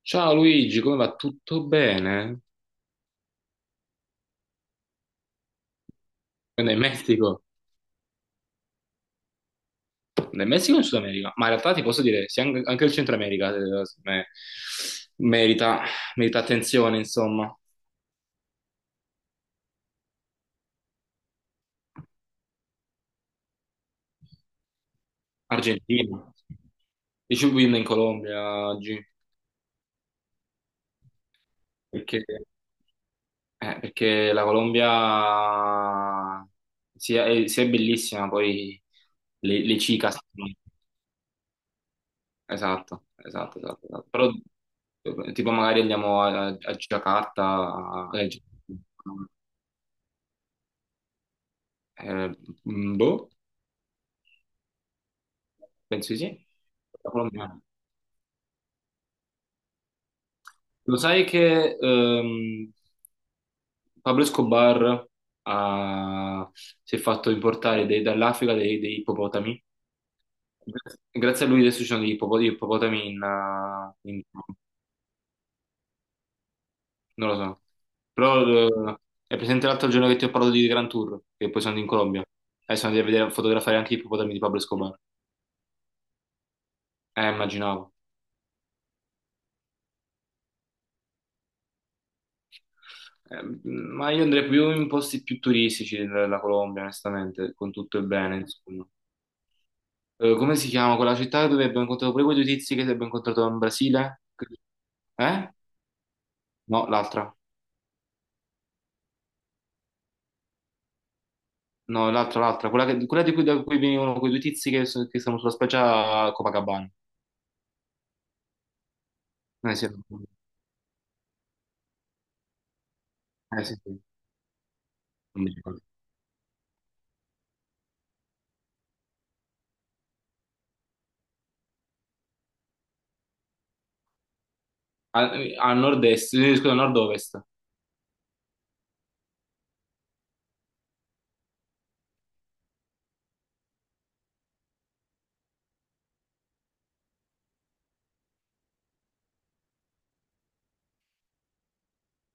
Ciao Luigi, come va? Tutto bene? Quindi in Messico? Nel Messico o in Sud America? Ma in realtà ti posso dire, sì, anche il Centro America secondo me, merita, merita attenzione, insomma. Argentina. Dicevo win in Colombia oggi, perché, perché la Colombia sia è bellissima, poi le chicas. Esatto, esatto, esatto, esatto. Però tipo magari andiamo a Giacarta, eh, boh, penso di sì. La Colombia. Lo sai che Pablo Escobar ha- si è fatto importare dall'Africa dei ippopotami? Grazie a lui adesso ci sono gli ippopotami in, in non lo so. Però è presente l'altro giorno che ti ho parlato di Gran Tour, che poi sono andato in Colombia. E sono andato a vedere, a fotografare anche i ippopotami di Pablo Escobar. Immaginavo. Ma io andrei più in posti più turistici della Colombia, onestamente, con tutto il bene, insomma. Come si chiama quella città dove abbiamo incontrato poi quei due tizi che abbiamo incontrato in Brasile? Eh? No, l'altra. No, l'altra, l'altra. Quella, quella di cui, da cui venivano quei due tizi che sono sulla spiaggia a Copacabana. Eh sì, sì, sì. A, a nord-est, scusa, nord-ovest,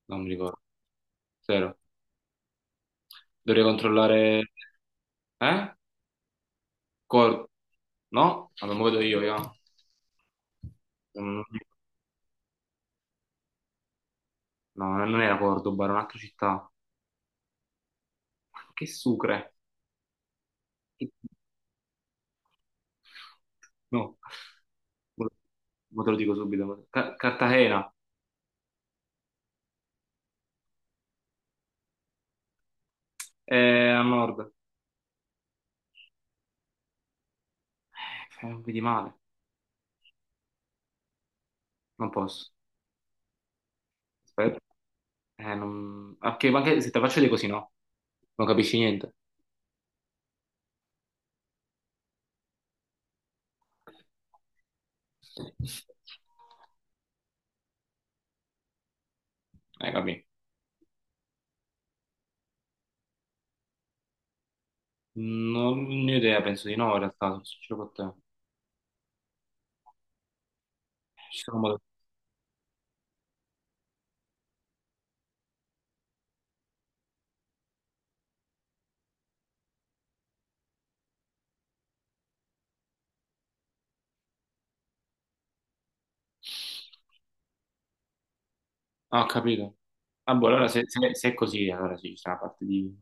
non mi ricordo, zero. Dovrei controllare... Eh? Cor- no? Allora, me lo vedo io. Mm, no, non era Cordoba, era un'altra città. Ma che sucre! Che- No, mo mo te lo dico subito. Cartagena, è a nord. Non vedi male, non posso. Aspetta. Non... ma anche se te faccio dei così, no? Non capisci niente. Capì. Non ne ho idea, penso di no, in realtà, sono sincero con te. Ci sono modi- Ah, ho capito. Ah, boh, allora se è così, allora sì, ci sarà la parte di...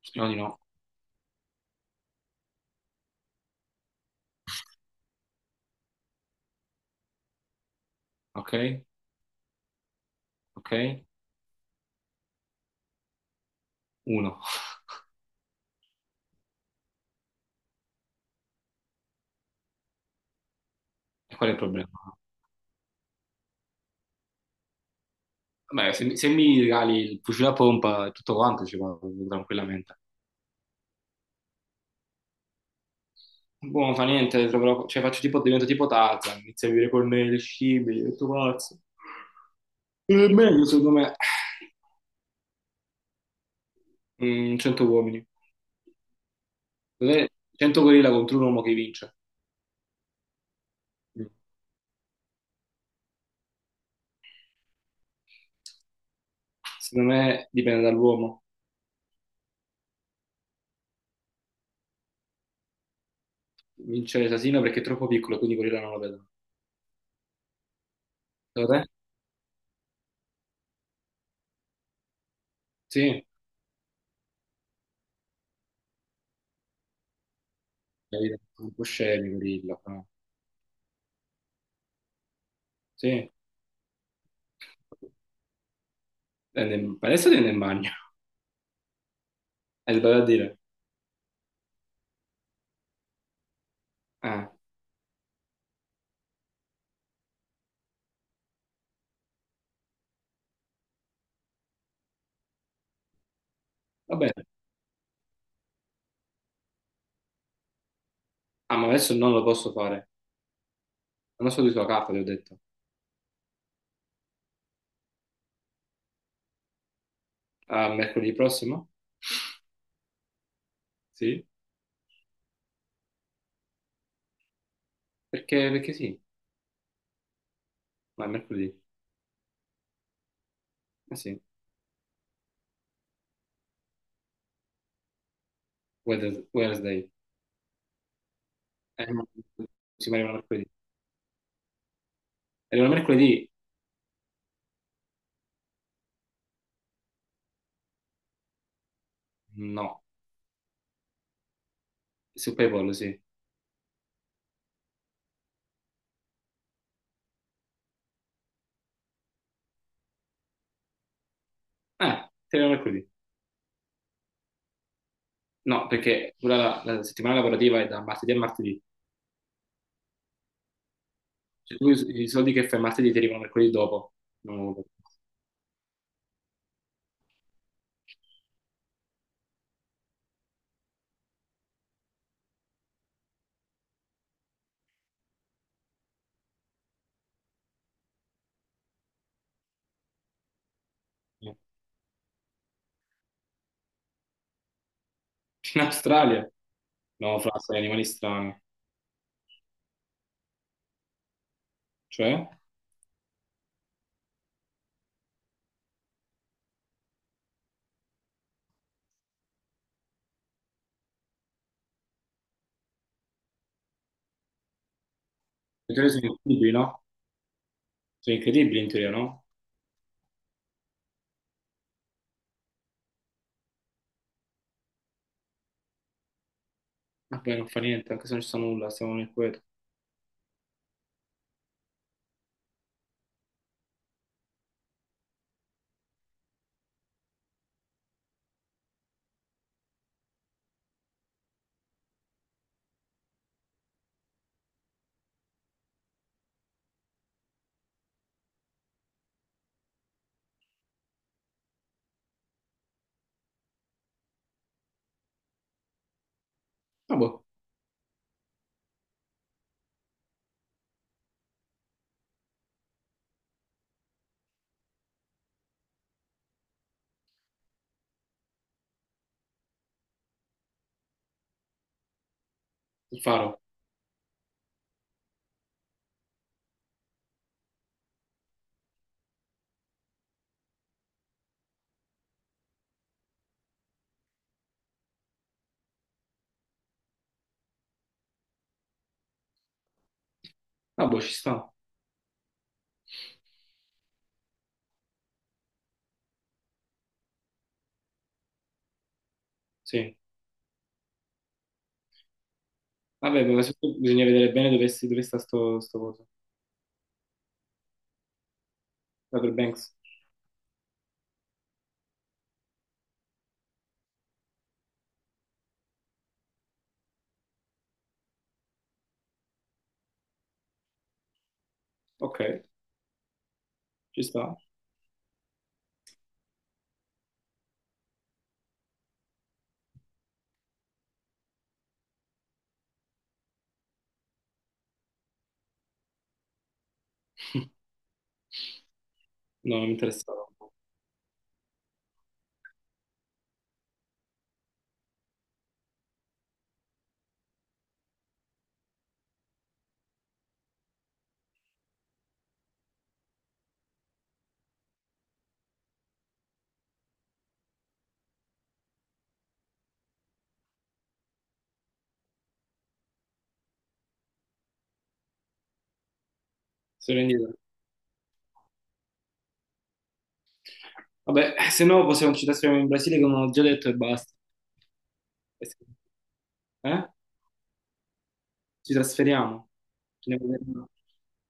Speriamo di no. Ok? Ok? Uno. E qual è il problema? Beh, se mi regali il fucile a pompa e tutto quanto ci vado tranquillamente. Boh, non fa niente, cioè faccio tipo, divento tipo Tarzan, inizio a vivere con me le scimmie, tutto pazzo. È meglio, secondo me, mm, 100 uomini. Cos'è? 100 gorilla contro un uomo che vince. Mm. Secondo me dipende dall'uomo. Vince l'asino perché è troppo piccolo, quindi gorilla non lo vedono. Secondo te? Sì. Capito? Un po' scemi, gorilla. Però. Sì. Adesso tende in bagno. Hai sbagliato a dire. Ah, va bene. Ah, ma adesso non lo posso fare. Non so di sua caffa, ti ho detto. Ah, mercoledì prossimo? Sì. Perché sì? Ma è mercoledì. Eh sì. Wednesday. No. Sì, ma arriva mercoledì. Arriva mercoledì? No. Su PayPal, sì. Ah, ti arriva mercoledì. No, perché la, la settimana lavorativa è da martedì a martedì. Cioè, tu i soldi che fai martedì ti arrivano mercoledì dopo. No. In Australia? No, fra, sono animali strani. Cioè? In teoria sono incredibili, no? Sono incredibili in teoria, no? Vabbè, non fa niente, anche se non ci sta nulla, stiamo nel quieto. Ah, boh, il faro. Ah, boh, ci sta. Sì. Vabbè, ma soprattutto bisogna vedere bene dove sta sto coso. Outer Banks. Ok, ci sta. No, non mi interessava. Sono indietro. Vabbè, se no possiamo, ci trasferiamo in Brasile, come ho già detto, e basta. Eh? Sì. Eh? Ci trasferiamo. Ci andiamo a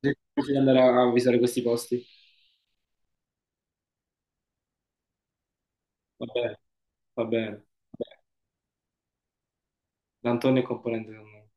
vedere- di andare a visitare questi posti. Va bene, Va bene. D'Antonio è componente del mondo.